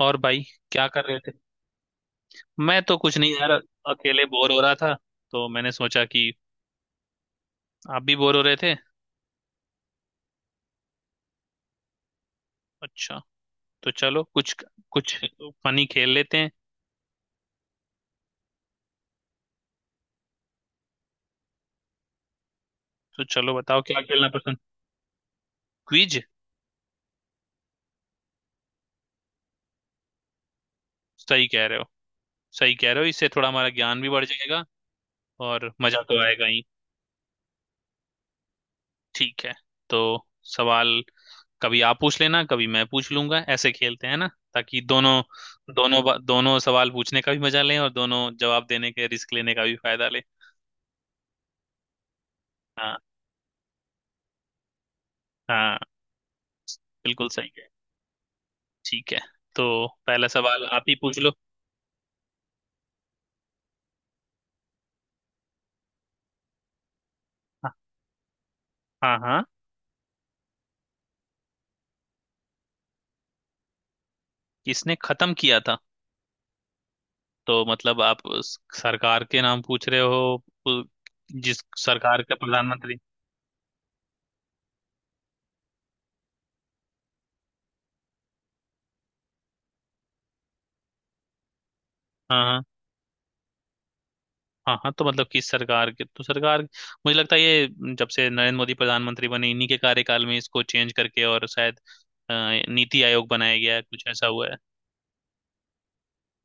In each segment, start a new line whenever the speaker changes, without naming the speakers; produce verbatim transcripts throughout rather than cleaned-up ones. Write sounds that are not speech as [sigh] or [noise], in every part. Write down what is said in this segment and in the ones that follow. और भाई क्या कर रहे थे? मैं तो कुछ नहीं यार, अकेले बोर हो रहा था। तो मैंने सोचा कि आप भी बोर हो रहे थे। अच्छा, तो चलो कुछ कुछ फनी खेल लेते हैं। तो चलो बताओ क्या खेलना पसंद? क्विज। सही कह रहे हो। सही कह रहे हो, इससे थोड़ा हमारा ज्ञान भी बढ़ जाएगा और मजा तो आएगा ही। ठीक है, तो सवाल कभी आप पूछ लेना कभी मैं पूछ लूंगा, ऐसे खेलते हैं ना, ताकि दोनों दोनों बा- दोनों सवाल पूछने का भी मजा लें और दोनों जवाब देने के रिस्क लेने का भी फायदा लें। हाँ हाँ, बिल्कुल सही है। ठीक है, तो पहला सवाल आप ही पूछ लो। हाँ हाँ हाँ। किसने खत्म किया था? तो मतलब आप उस सरकार के नाम पूछ रहे हो उ- जिस सरकार का प्रधानमंत्री? हाँ हाँ, हाँ हाँ, तो मतलब किस सरकार के, तो सरकार मुझे लगता है ये जब से नरेंद्र मोदी प्रधानमंत्री बने इन्हीं के कार्यकाल में इसको चेंज करके और शायद अ, नीति आयोग बनाया गया है, कुछ ऐसा हुआ है।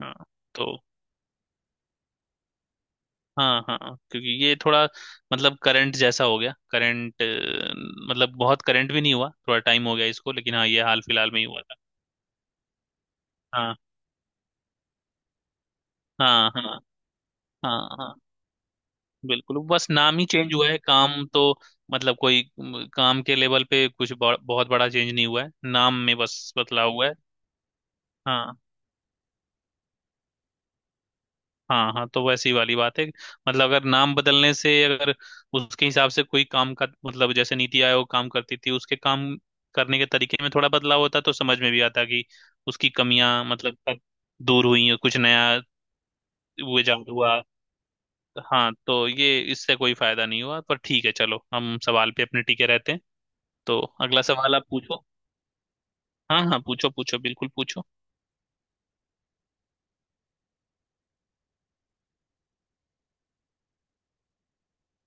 हाँ, तो हाँ हाँ हाँ, क्योंकि ये थोड़ा मतलब करंट जैसा हो गया। करंट मतलब बहुत करंट भी नहीं हुआ, थोड़ा टाइम हो गया इसको, लेकिन हाँ ये हाल फिलहाल में ही हुआ था। हाँ हाँ, हाँ हाँ हाँ, बिल्कुल, बस नाम ही चेंज हुआ है, काम तो मतलब कोई म, काम के लेवल पे कुछ बड़- बहुत बड़ा चेंज नहीं हुआ है, नाम में बस बदलाव हुआ है। हाँ हाँ हाँ, तो वैसी वाली बात है। मतलब अगर नाम बदलने से, अगर उसके हिसाब से कोई काम का मतलब जैसे नीति आयोग काम करती थी, उसके काम करने के तरीके में थोड़ा बदलाव होता तो समझ में भी आता कि उसकी कमियां मतलब अब दूर हुई हैं, कुछ नया इजाद हुआ। हाँ, तो ये इससे कोई फायदा नहीं हुआ, पर ठीक है, चलो हम सवाल पे अपने टिके रहते हैं। तो अगला सवाल आप पूछो। हाँ हाँ, पूछो पूछो, बिल्कुल पूछो।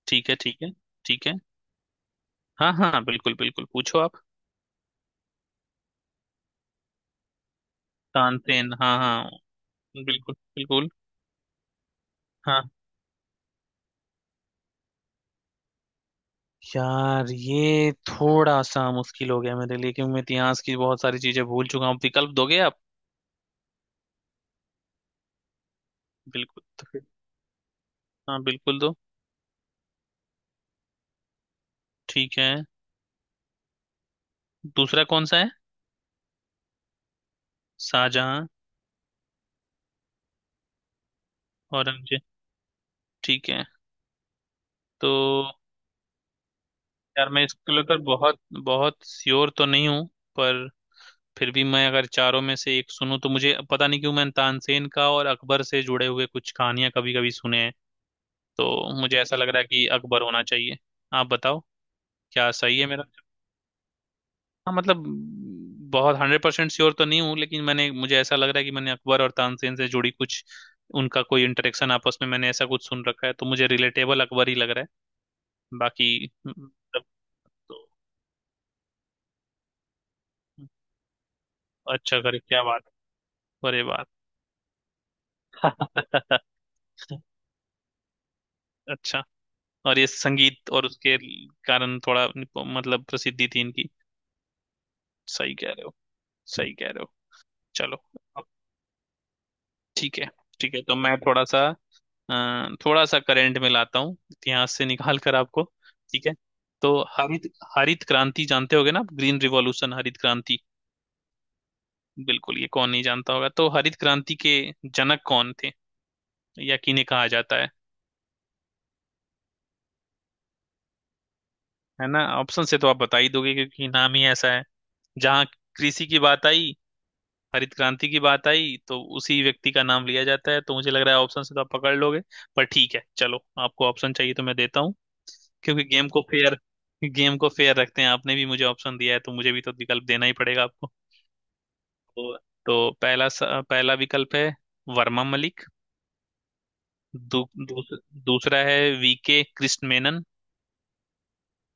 ठीक है, ठीक है, ठीक है, हाँ हाँ, बिल्कुल बिल्कुल, पूछो आप। तानसेन, हाँ हाँ। बिल्कुल बिल्कुल। हाँ, यार ये थोड़ा सा मुश्किल हो गया मेरे लिए, क्योंकि मैं इतिहास की बहुत सारी चीजें भूल चुका हूँ। विकल्प दोगे आप? बिल्कुल, तो फिर हाँ बिल्कुल दो। ठीक है। दूसरा कौन सा है? शाहजहां? औरंगजेब? ठीक है। तो यार मैं इसको लेकर बहुत बहुत श्योर तो नहीं हूँ, पर फिर भी मैं अगर चारों में से एक सुनूं तो मुझे पता नहीं क्यों मैं तानसेन का और अकबर से जुड़े हुए कुछ कहानियां कभी कभी सुने हैं। तो मुझे ऐसा लग रहा है कि अकबर होना चाहिए। आप बताओ क्या सही है मेरा? हाँ मतलब बहुत हंड्रेड परसेंट श्योर तो नहीं हूँ, लेकिन मैंने, मुझे ऐसा लग रहा है कि मैंने अकबर और तानसेन से जुड़ी कुछ उनका कोई इंटरेक्शन आपस में मैंने ऐसा कुछ सुन रखा है, तो मुझे रिलेटेबल अकबर ही लग रहा है। बाकी मतलब। तो अच्छा करे, क्या बात! अरे बात [laughs] अच्छा। और ये संगीत और उसके कारण थोड़ा मतलब प्रसिद्धि थी इनकी। सही कह रहे हो। सही कह रहे हो। चलो अब। ठीक है। ठीक है, तो मैं थोड़ा सा अ, थोड़ा सा करंट में लाता हूँ इतिहास से निकाल कर आपको। ठीक है। तो हरित हरित क्रांति जानते होगे ना आप, ग्रीन रिवॉल्यूशन, हरित क्रांति? बिल्कुल, ये कौन नहीं जानता होगा। तो हरित क्रांति के जनक कौन थे या किन्हें कहा जाता है? है ना, ऑप्शन से तो आप बता ही दोगे क्योंकि नाम ही ऐसा है, जहाँ कृषि की बात आई, हरित क्रांति की बात आई, तो उसी व्यक्ति का नाम लिया जाता है, तो मुझे लग रहा है ऑप्शन से तो आप पकड़ लोगे। पर ठीक है, चलो आपको ऑप्शन चाहिए तो मैं देता हूँ, क्योंकि गेम को फेयर गेम को फेयर रखते हैं, आपने भी मुझे ऑप्शन दिया है तो मुझे भी तो विकल्प देना ही पड़ेगा आपको। तो, तो पहला स- पहला विकल्प है वर्मा मलिक। दू, दूस, दूसरा है वीके कृष्ण मेनन।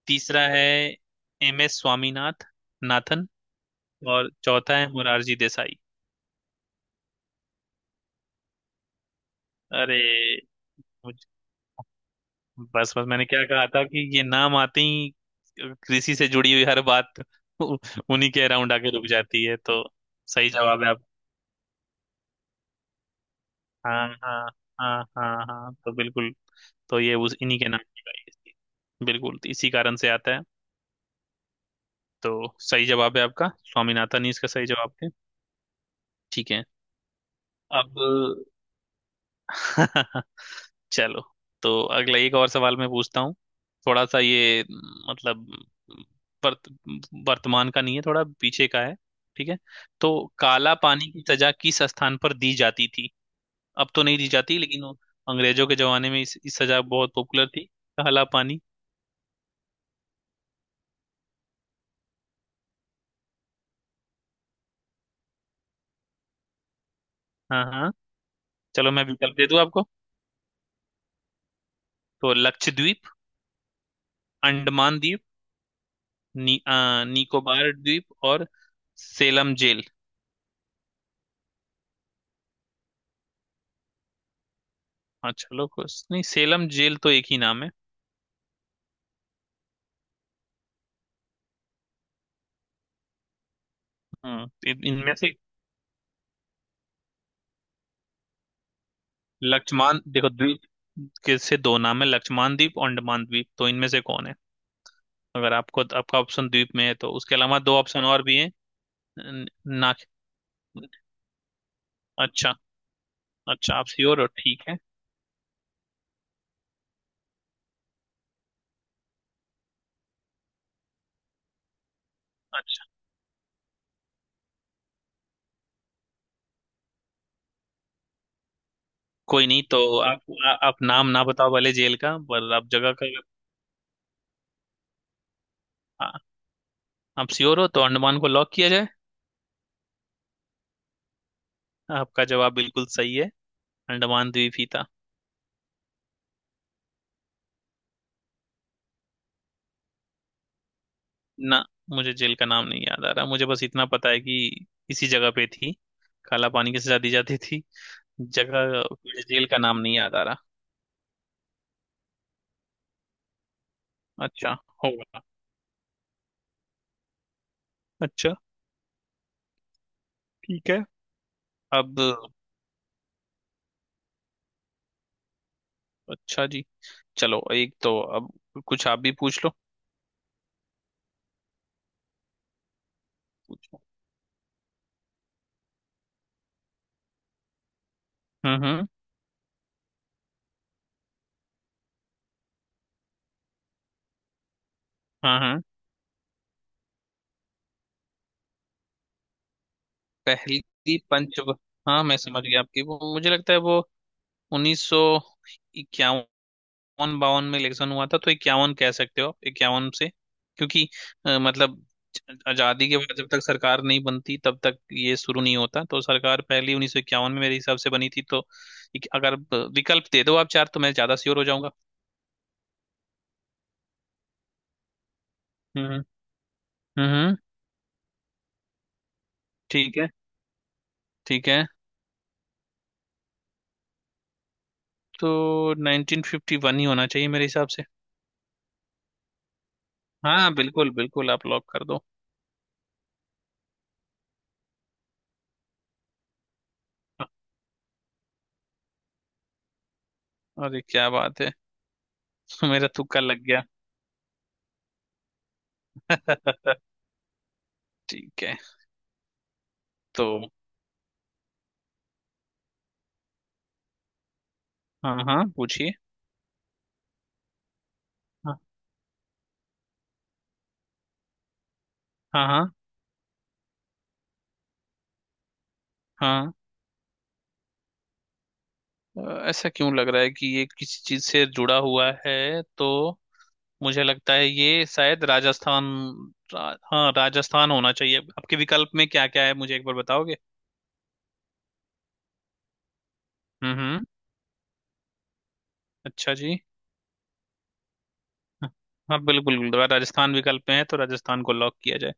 तीसरा है एम एस स्वामीनाथ नाथन। और चौथा है मुरारजी देसाई। अरे मुझ- बस बस, मैंने क्या कहा था कि ये नाम आते ही कृषि से जुड़ी हुई हर बात उ- उन्हीं के अराउंड आके रुक जाती है। तो सही जवाब है। हाँ हाँ, हाँ हाँ हाँ, तो बिल्कुल। तो ये उस इन्हीं के नाम की गाई थी। बिल्कुल, तो इसी कारण से आता है। तो सही जवाब है, आपका स्वामीनाथन ही इसका सही जवाब है। ठीक है। अब [laughs] चलो, तो अगला एक और सवाल मैं पूछता हूँ। थोड़ा सा ये म, मतलब म, वर्त, वर्तमान का नहीं है, थोड़ा पीछे का है। ठीक है। तो काला पानी की सजा किस स्थान पर दी जाती थी? अब तो नहीं दी जाती, लेकिन वो अंग्रेजों के जमाने में इस, इस सजा बहुत पॉपुलर थी। काला पानी। हाँ हाँ। चलो मैं विकल्प दे दूं आपको। तो लक्षद्वीप, अंडमान द्वीप, नी, अ, निकोबार द्वीप और सेलम जेल। हाँ, चलो कुछ नहीं, सेलम जेल तो एक ही नाम है। हम्म, इन- इनमें से लक्ष्मान देखो, द्वीप के से दो नाम है, लक्ष्मान द्वीप और अंडमान द्वीप, तो इनमें से कौन है? अगर आपको, आपका ऑप्शन द्वीप में है तो उसके अलावा दो ऑप्शन और भी हैं। न- ना। अच्छा, अच्छा आप श्योर हो? ठीक है, अच्छा। कोई नहीं तो। आप आ, आप नाम ना बताओ वाले जेल का, पर आप जगह का। आ, आप श्योर हो तो अंडमान को लॉक किया जाए? आपका जवाब बिल्कुल सही है, अंडमान द्वीप ही था। ना, मुझे जेल का नाम नहीं याद आ रहा, मुझे बस इतना पता है कि इसी जगह पे थी, काला पानी की सजा दी जाती थी जगह। मुझे जेल का नाम नहीं याद आ रहा। अच्छा, होगा। अच्छा। ठीक है। अब अच्छा जी, चलो एक तो अब कुछ आप भी पूछ लो। पूछो। हम्म हम्म। हाँ हाँ। पहली पंच हाँ मैं समझ गया आपकी, वो मुझे लगता है वो उन्नीस सौ इक्यावन, बावन में इलेक्शन हुआ था, तो इक्यावन कह सकते हो आप, इक्यावन से, क्योंकि अ, मतलब आजादी के बाद जब तक सरकार नहीं बनती तब तक ये शुरू नहीं होता, तो सरकार पहली उन्नीस सौ इक्यावन में मेरे हिसाब से बनी थी, तो एक- अगर ब- विकल्प दे दो आप चार तो मैं ज्यादा श्योर हो जाऊंगा। हम्म हम्म हम्म, ठीक है, ठीक है, तो नाइन्टीन फिफ्टी वन ही होना चाहिए मेरे हिसाब से। हाँ बिल्कुल बिल्कुल, आप लॉक कर दो। अरे क्या बात है [laughs] मेरा तुक्का लग गया। [laughs] ठीक है। तो हाँ हाँ पूछिए। हाँ हाँ हाँ हाँ। अ, ऐसा क्यों लग रहा है कि ये किसी चीज से जुड़ा हुआ है, तो मुझे लगता है ये शायद राजस्थान, रा, हाँ राजस्थान होना चाहिए। आपके विकल्प में क्या क्या है मुझे एक बार बताओगे? हम्म हम्म, अच्छा जी। हाँ बिल्कुल बिल्कुल, राजस्थान विकल्प में है तो राजस्थान को लॉक किया जाए।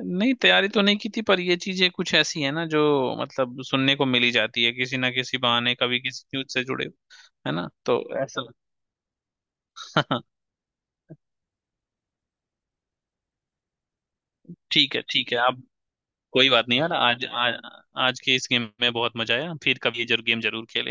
नहीं, तैयारी तो नहीं की थी, पर ये चीजें कुछ ऐसी है ना जो मतलब सुनने को मिली जाती है किसी ना किसी बहाने, कभी किसी न्यूज से जुड़े हो, है ना, तो ऐसा। [laughs] हाँ। ठीक है, ठीक है, आप कोई बात नहीं यार, आज आज आज के इस गेम में बहुत मजा आया, फिर कभी ये जरूर गेम जरूर खेलेंगे।